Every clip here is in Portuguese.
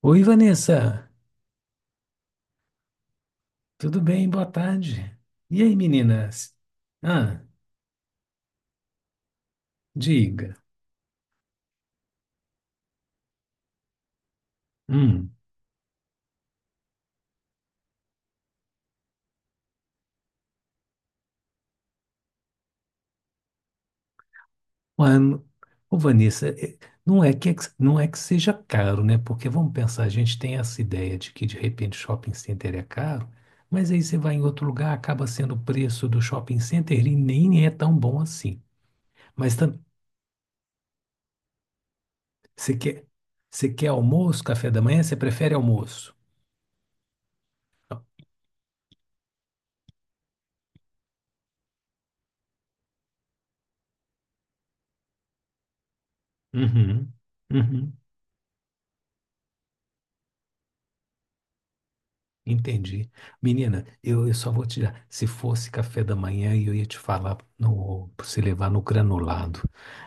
Oi, Vanessa, tudo bem? Boa tarde. E aí, meninas? Ah, diga. Hum, ué, n- Vanessa, não é que, é que- não é que seja caro, né? Porque vamos pensar, a gente tem essa ideia de que de repente shopping center é caro, mas aí você vai em outro lugar, acaba sendo o preço do shopping center e nem é tão bom assim. Mas tam- você quer, você quer almoço, café da manhã? Você prefere almoço? Uhum, uhum. Entendi. Menina, eu só vou te dar. Se fosse café da manhã, eu ia te falar no, pra você levar no granulado,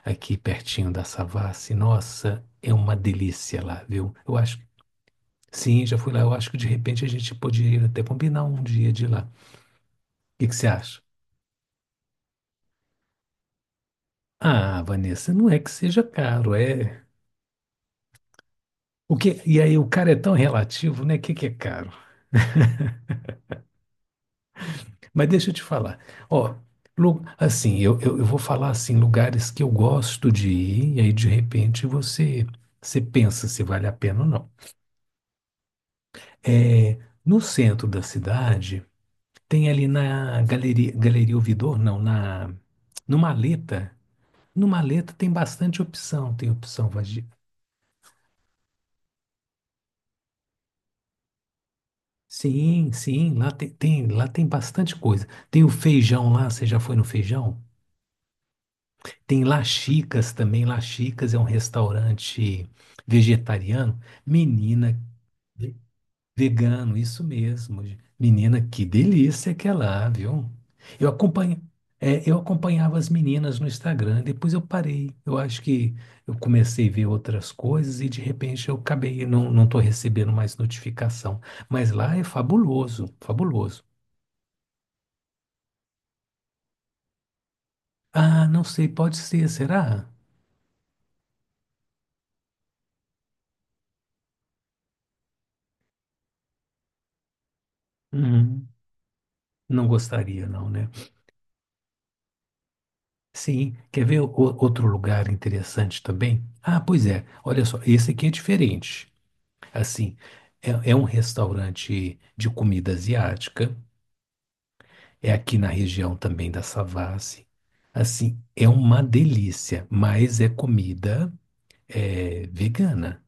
aqui pertinho da Savassi. Nossa, é uma delícia lá, viu? Eu acho. Sim, já fui lá. Eu acho que de repente a gente poderia até combinar um dia de ir lá. O que que você acha? Ah, Vanessa, não é que seja caro, é. E aí, o cara é tão relativo, né? O que que é caro? Mas deixa eu te falar. Ó, assim, eu vou falar assim, lugares que eu gosto de ir, e aí de repente você pensa se vale a pena ou não. É, no centro da cidade, tem ali na Galeria, Galeria Ouvidor, não, na, no Maleta. No Maleta tem bastante opção, tem opção vagi- Sim, sim, lá tem bastante coisa. Tem o feijão lá, você já foi no feijão? Tem Laxicas também. Laxicas é um restaurante vegetariano. Menina, ve- vegano, isso mesmo. Menina, que delícia que é lá, viu? Eu acompanho, é, eu acompanhava as meninas no Instagram, depois eu parei. Eu acho que eu comecei a ver outras coisas e de repente eu acabei, não estou recebendo mais notificação. Mas lá é fabuloso, fabuloso. Ah, não sei, pode ser, será? Uhum. Não gostaria, não, né? Sim, outro lugar interessante também? Ah, pois é, olha só, esse aqui é diferente. Assim, é um restaurante de comida asiática, é aqui na região também da Savassi. Assim, é uma delícia, mas é comida é, vegana.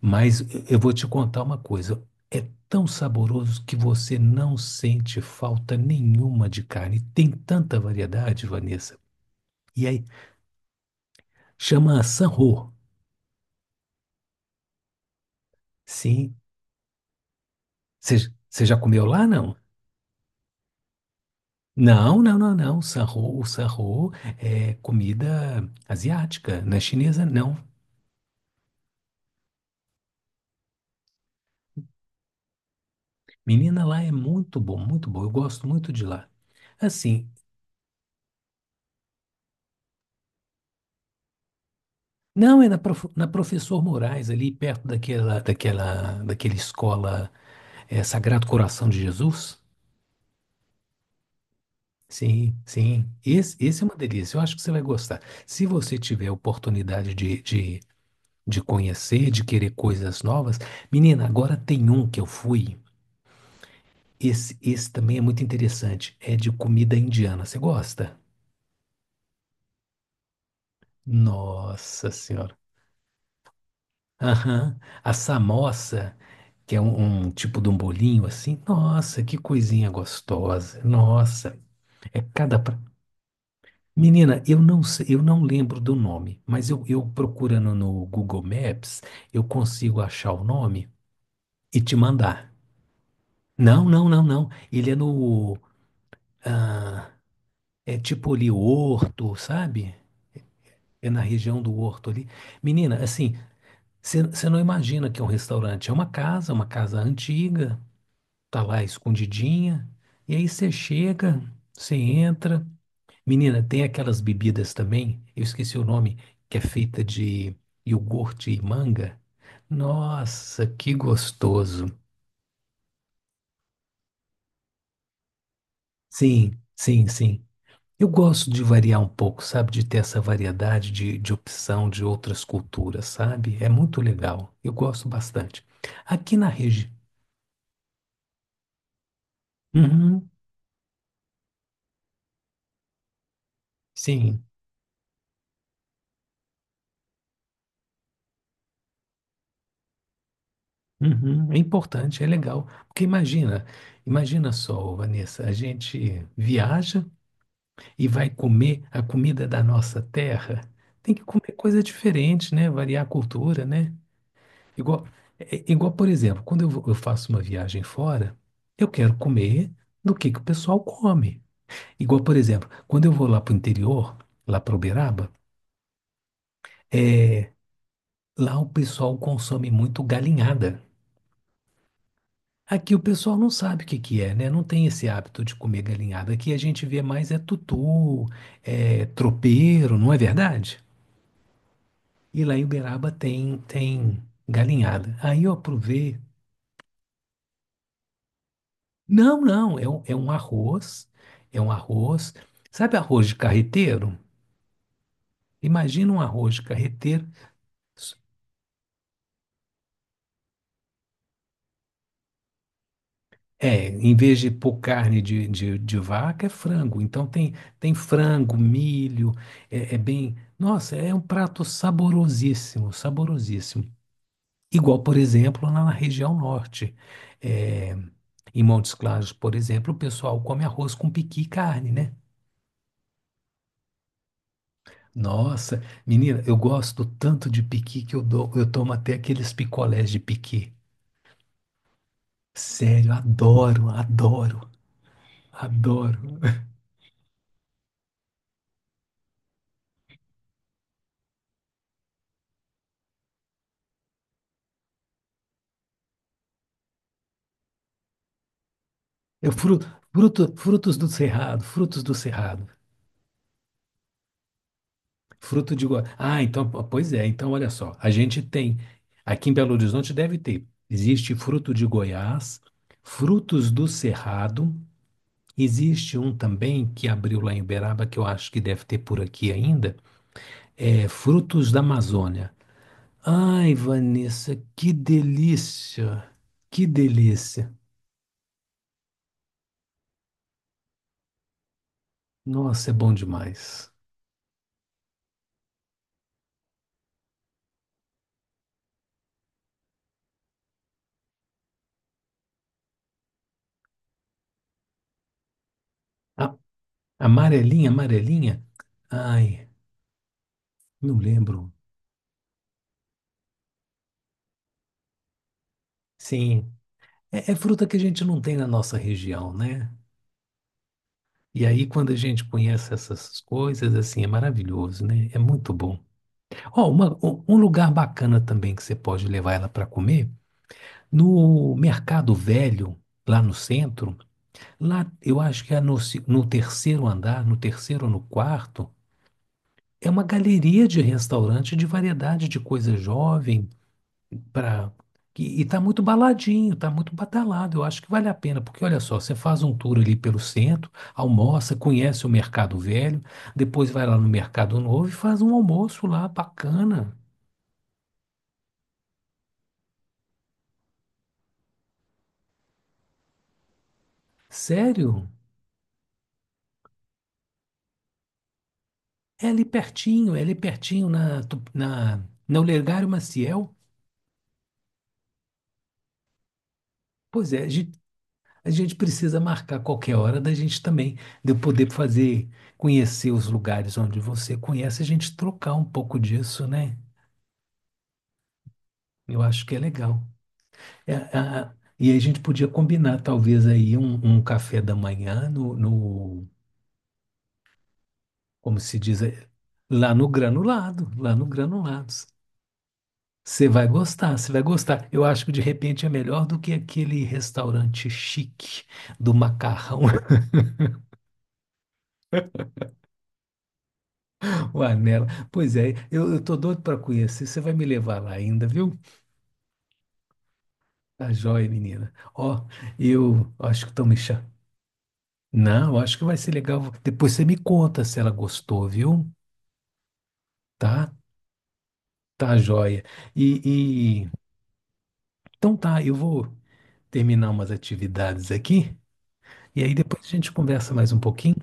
Mas eu vou te contar uma coisa, é tão saboroso que você não sente falta nenhuma de carne. Tem tanta variedade, Vanessa. E aí, chama Sanho. Sim, Você já comeu lá, não? Não. Sarro, o sarro é comida asiática, não é chinesa, não. Menina, lá é muito bom, muito bom. Eu gosto muito de lá. Assim, não, é na, na Professor Moraes, ali perto daquela escola é, Sagrado Coração de Jesus. Sim, sim. Esse é uma delícia. Eu acho que você vai gostar. Se você tiver a oportunidade de conhecer, de querer coisas novas, menina, agora tem um que eu fui. Esse também é muito interessante. É de comida indiana. Você gosta? Nossa Senhora. Aham. A samosa, que é um, um tipo de um bolinho assim. Nossa, que coisinha gostosa. Nossa. É cada. pra- Menina, eu não sei, eu não lembro do nome, mas eu procurando no Google Maps, eu consigo achar o nome e te mandar. Não. Ele é no. ah, é tipo ali, Horto, sabe? É na região do Horto ali. Menina, assim, você não imagina que é um restaurante. É uma casa antiga, tá lá escondidinha. E aí você chega, você entra. Menina, tem aquelas bebidas também, eu esqueci o nome, que é feita de iogurte e manga. Nossa, que gostoso. Sim, sim, sim. Eu gosto de variar um pouco, sabe? De ter essa variedade de opção de outras culturas, sabe? É muito legal. Eu gosto bastante. Aqui na região. Uhum, sim. Uhum, é importante, é legal. Porque imagina, imagina só, Vanessa, a gente viaja e vai comer a comida da nossa terra. Tem que comer coisa diferente, né? Variar a cultura, né? Igual, é, igual, por exemplo, eu faço uma viagem fora, eu quero comer do que o pessoal come. Igual, por exemplo, quando eu vou lá para o interior, lá para Uberaba, é, lá o pessoal consome muito galinhada. Aqui o pessoal não sabe o que que é, né? Não tem esse hábito de comer galinhada. Aqui a gente vê mais é tutu, é tropeiro, não é verdade? E lá em Uberaba tem, tem galinhada. Aí eu provei. Não, é um arroz, é um arroz. Sabe arroz de carreteiro? Imagina um arroz de carreteiro É, em vez de pôr carne de vaca, é frango. Então tem, tem frango, milho, é, é bem. Nossa, é um prato saborosíssimo, saborosíssimo. Igual, por exemplo, lá na região norte. É, em Montes Claros, por exemplo, o pessoal come arroz com piqui e carne, né? Nossa, menina, eu gosto tanto de piqui que eu dou, eu tomo até aqueles picolés de piqui. Sério, adoro, adoro, adoro. Eu fruto, frutos do cerrado, Ah, então, pois é. Então, olha só, a gente tem aqui em Belo Horizonte deve ter. Existe fruto de Goiás, frutos do cerrado. Existe um também que abriu lá em Uberaba que eu acho que deve ter por aqui ainda. É frutos da Amazônia. Ai, Vanessa, que delícia! Que delícia! Nossa, é bom demais. A- amarelinha, amarelinha. Ai. Não lembro. Sim, é, é fruta que a gente não tem na nossa região, né? E aí, quando a gente conhece essas coisas, assim, é maravilhoso, né? É muito bom. Ó, um lugar bacana também que você pode levar ela para comer, no Mercado Velho, lá no centro, lá eu acho que é no terceiro andar, no terceiro ou no quarto, é uma galeria de restaurante de variedade de coisa jovem, Pra... E, e tá muito baladinho, tá muito badalado. Eu acho que vale a pena, porque olha só, você faz um tour ali pelo centro, almoça, conhece o Mercado Velho, depois vai lá no Mercado Novo e faz um almoço lá bacana. Sério? É ali pertinho na Olegário Maciel. Pois é, a gente precisa marcar qualquer hora da gente também, de eu poder fazer, conhecer os lugares onde você conhece, a gente trocar um pouco disso, né? Eu acho que é legal. É, a- e a gente podia combinar, talvez, aí um café da manhã como se diz, é, lá no granulado, lá no granulados. Você vai gostar, você vai gostar. Eu acho que de repente é melhor do que aquele restaurante chique do macarrão, o Anela. Pois é, eu tô doido para conhecer. Você vai me levar lá ainda, viu? Tá joia, menina. Ó, eu acho que estão me chamando. Não, eu acho que vai ser legal. Depois você me conta se ela gostou, viu? Tá? Tá joia. E, e- então tá, eu vou terminar umas atividades aqui e aí depois a gente conversa mais um pouquinho.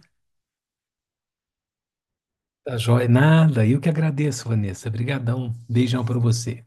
Tá joia? Nada. Eu que agradeço, Vanessa. Obrigadão. Beijão para você.